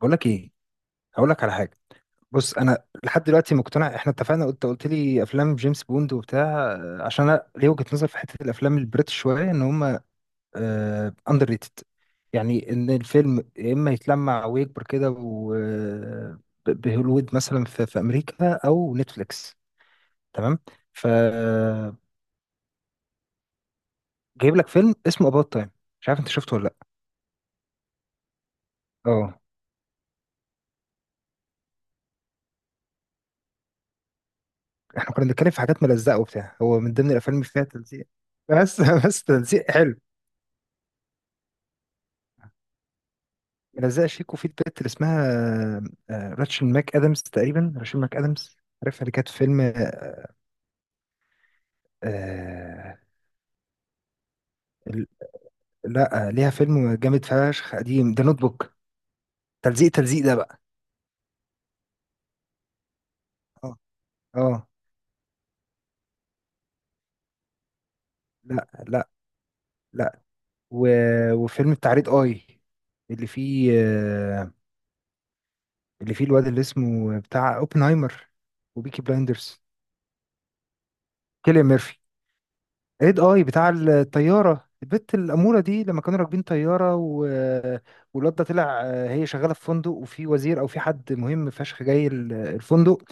بقول لك ايه، هقول لك على حاجه. بص، انا لحد دلوقتي مقتنع. احنا اتفقنا، قلت لي افلام جيمس بوند وبتاع، عشان انا ليه وجهه نظر في حته الافلام البريتش شويه ان هم اندر ريتد. يعني ان الفيلم يا اما يتلمع ويكبر كده بهوليوود مثلا في امريكا او نتفليكس، تمام؟ ف جايب لك فيلم اسمه اباوت تايم، مش عارف انت شفته ولا لا. اه، احنا كنا بنتكلم في حاجات ملزقه وبتاع، هو من ضمن الافلام اللي فيها تلزيق. بس بس تلزيق حلو. ملزقه شيكو، في البت اللي اسمها راتشل ماك ادمز، تقريبا راتشل ماك ادمز. عارفها اللي كانت في فيلم آه آه، ال- لا آه، ليها فيلم جامد فشخ قديم، ده نوت بوك. تلزيق ده بقى. اه اه، لا لا لا. و... وفيلم التعريض اي، اللي فيه اللي فيه الواد اللي اسمه بتاع اوبنهايمر وبيكي بلايندرز، كيليان ميرفي. ايد اي بتاع الطياره، البت الاموره دي لما كانوا راكبين طياره والواد ده طلع. هي شغاله في فندق، وفي وزير او في حد مهم فشخ جاي الفندق،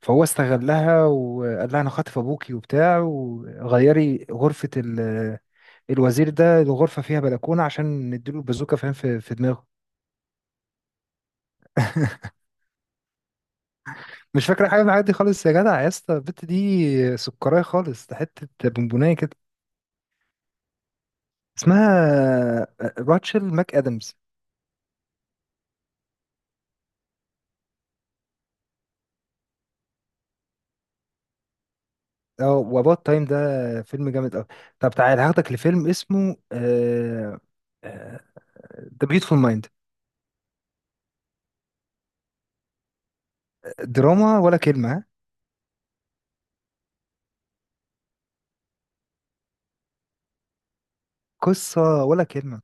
فهو استغلها وقال لها انا خاطف ابوكي وبتاع، وغيري غرفه الوزير ده. الغرفه فيها بلكونه عشان نديله البازوكه، فاهم، في دماغه. مش فاكره حاجه من الحاجات دي خالص يا جدع، يا اسطى البت دي سكرايه خالص، ده حته بونبونايه كده. اسمها راتشل ماك ادمز. اه، واباوت تايم ده فيلم جامد قوي. طب تعال هاخدك لفيلم اسمه ذا بيوتفول مايند. دراما ولا كلمه ها؟ قصه ولا كلمه.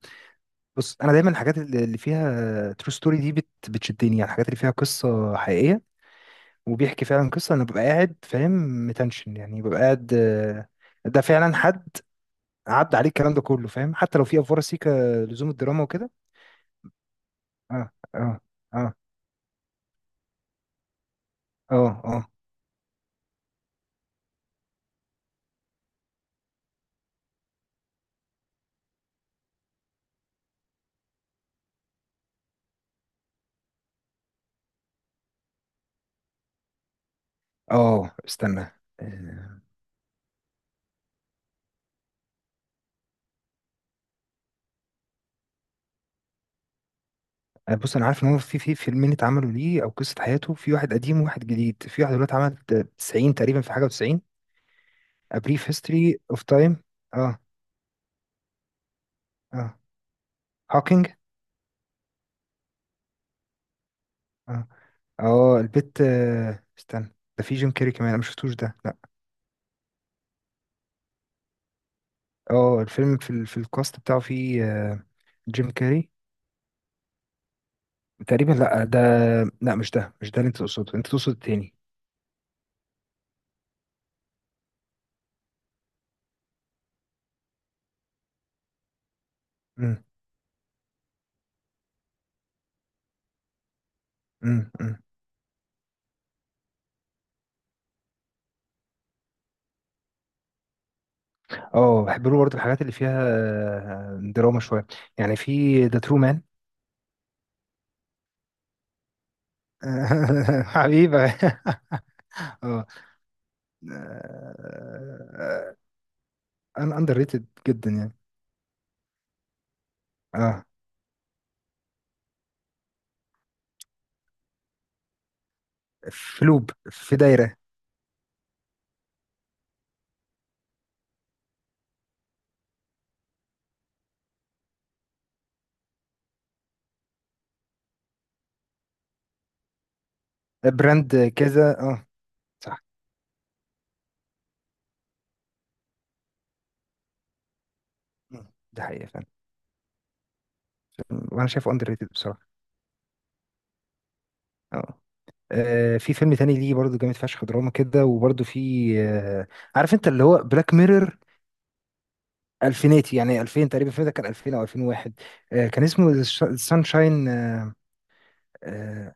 بص، انا دايما الحاجات اللي فيها ترو ستوري دي بت بتشدني، يعني الحاجات اللي فيها قصه حقيقيه وبيحكي فعلا قصه، انا ببقى قاعد فاهم، متنشن. يعني ببقى قاعد، ده فعلا حد عدى عليه الكلام ده كله، فاهم، حتى لو في افوار سيكا لزوم الدراما وكده. اه اه اه اه. اه اه استنى، آه، أنا بص انا عارف ان هو في في فيلمين اتعملوا ليه او قصه حياته، في واحد قديم وواحد جديد، في واحد دلوقتي عمل 90 تقريبا في حاجه و90. A Brief History of Time. اه اه، هوكينج. اه اه، البت استنى، ده في جيم كاري كمان، انا ما شفتوش ده لا. اه، الفيلم في في الكاست بتاعه في جيم كاري تقريبا، لا ده، لا مش ده، مش ده اللي انت تقصده، انت تقصد التاني. امم امم. اه، بحب له برضه الحاجات اللي فيها دراما شويه. يعني في ذا ترو مان. حبيبة. اه، آه، انا اندر ريتد جدا يعني. اه، في لوب، في دايرة. براند كذا اه. صح. مم. ده حقيقة فعلا، وانا شايفه اندر ريتد بصراحة. اه، في فيلم تاني ليه برضه جامد فشخ دراما كده، وبرضه في، عارف انت اللي هو بلاك ميرور الفيناتي. يعني 2000 تقريبا، الفيلم ده كان 2000 او 2001. كان اسمه سانشاين. آه،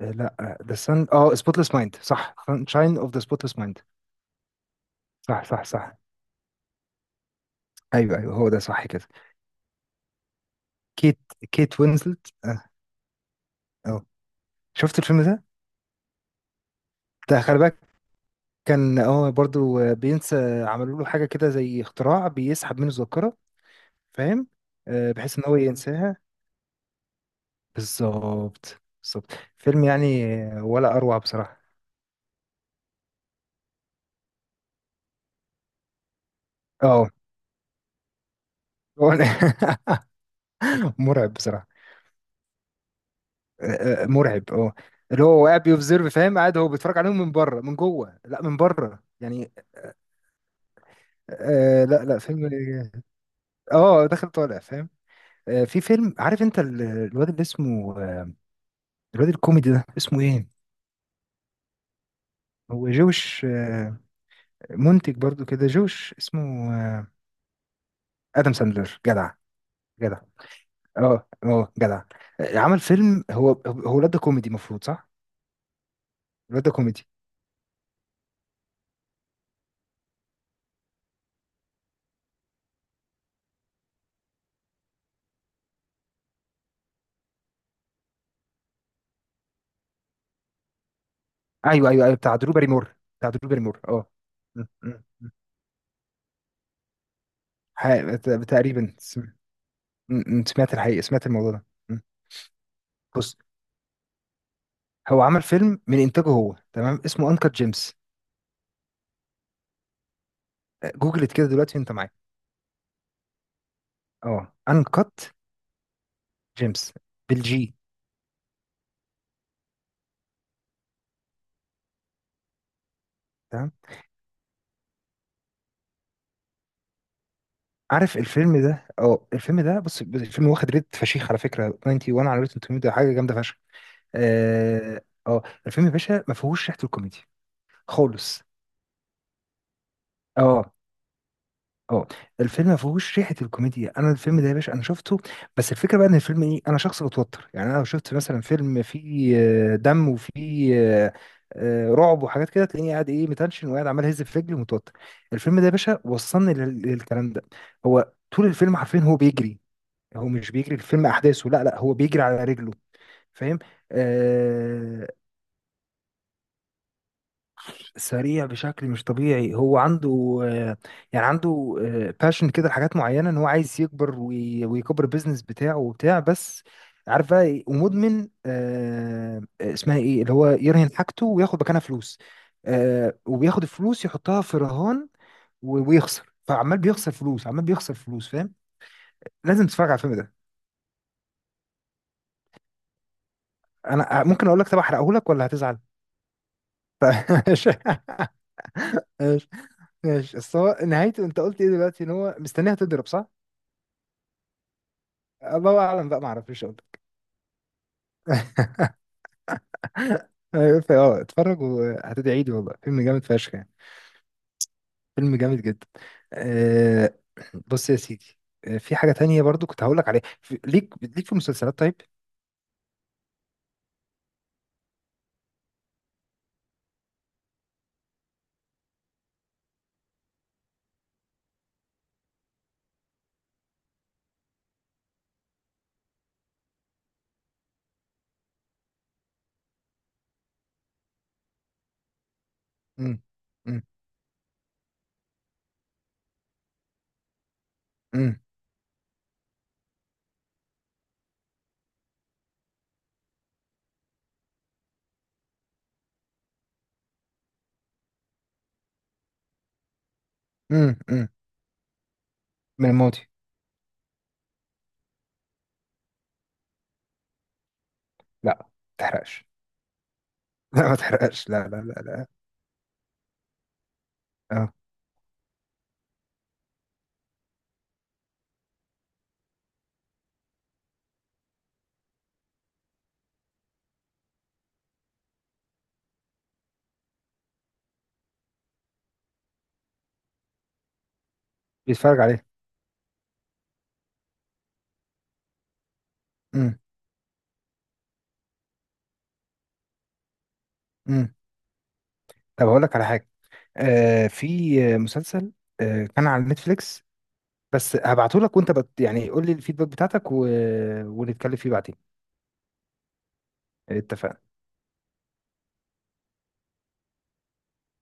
لا ذا سان اه سبوتليس مايند، صح، سانشاين اوف ذا سبوتليس. صح صح صح. ايوه ايوه، هو ده صح كده. كيت، كيت وينزلت اه. اه، شفت الفيلم ده؟ ده خلي بالك، كان اه برضو، بينسى، عملوا له حاجه كده زي اختراع بيسحب منه الذاكره، فاهم. آه، بحيث ان هو ينساها، بالظبط بالظبط. فيلم يعني، ولا اروع بصراحه. اه، هو- مرعب بصراحه. مرعب اه. اللي هو قاعد بيوبزرف، فاهم، قاعد هو بيتفرج عليهم من بره من جوه، لا من بره يعني. لا لا، فيلم. اه، داخل طالع، فاهم. في فيلم، عارف انت الواد اللي اسمه، الواد الكوميدي ده اسمه ايه، هو جوش منتج برضو كده، جوش اسمه ادم ساندلر. جدع، جدع. اه اه جدع. عمل فيلم، هو الواد ده كوميدي المفروض صح، الواد ده كوميدي. ايوه ايوه ايوه، بتاع درو باريمور، بتاع درو باريمور اه. م- م- م. ح- تقريبا. م. سمعت الحقيقة، سمعت الموضوع ده م. بص، هو عمل فيلم من انتاجه هو، تمام، اسمه انكت جيمس. جوجلت كده دلوقتي وانت معايا. اه، انكت جيمس بالجي. تمام. عارف الفيلم ده، اه الفيلم ده، بص، الفيلم واخد ريت فشيخ على فكره، 91 على روتن توميتو، حاجه جامده فشخ. اه، الفيلم يا باشا ما فيهوش ريحه الكوميديا خالص. اه اه، الفيلم ما فيهوش ريحه الكوميديا، انا الفيلم ده يا باشا انا شفته، بس الفكره بقى ان الفيلم ايه، انا شخص بتوتر. يعني انا لو شفت مثلا فيلم فيه دم، وفيه آه، رعب وحاجات كده، تلاقيني قاعد ايه متنشن، وقاعد عمال اهز في رجلي ومتوتر. الفيلم ده يا باشا وصلني للكلام ده. هو طول الفيلم حرفيا هو بيجري، هو مش بيجري الفيلم احداثه لا لا، هو بيجري على رجله، فاهم. آه، سريع بشكل مش طبيعي، هو عنده، يعني عنده باشن كده لحاجات معينة، ان هو عايز يكبر ويكبر البيزنس بتاعه وبتاع. بس عارف بقى إيه؟ ومدمن اسمها ايه، اللي هو يرهن حاجته وياخد مكانها فلوس، وبياخد الفلوس يحطها في رهان ويخسر، فعمال بيخسر فلوس، عمال بيخسر فلوس، فاهم. لازم تتفرج على الفيلم ده. انا ممكن اقول لك، طب احرقه لك ولا هتزعل؟ ماشي. ماشي ماشي. بس هو نهايته، انت قلت ايه دلوقتي، ان هو مستنيها تضرب صح. أه، الله اعلم بقى، ما اعرفش اقول لك. أيوة، اه اتفرج وهتدعي لي والله، فيلم جامد فشخ يعني، فيلم جامد جدا. أه، بص يا سيدي، في حاجة تانية برضو كنت هقول لك عليها ليك، ليك في المسلسلات طيب. امم امم امم أمم. من الماضي. لا ما تحرقش. لا ما تحرقش، لا لا لا لا. اه، بيتفرج عليه. امم امم. طب هقول لك على حاجة، أه، في مسلسل أه كان على نتفليكس، بس هبعته لك، وانت بت يعني قول لي الفيدباك بتاعتك، ونتكلم فيه بعدين. اتفقنا.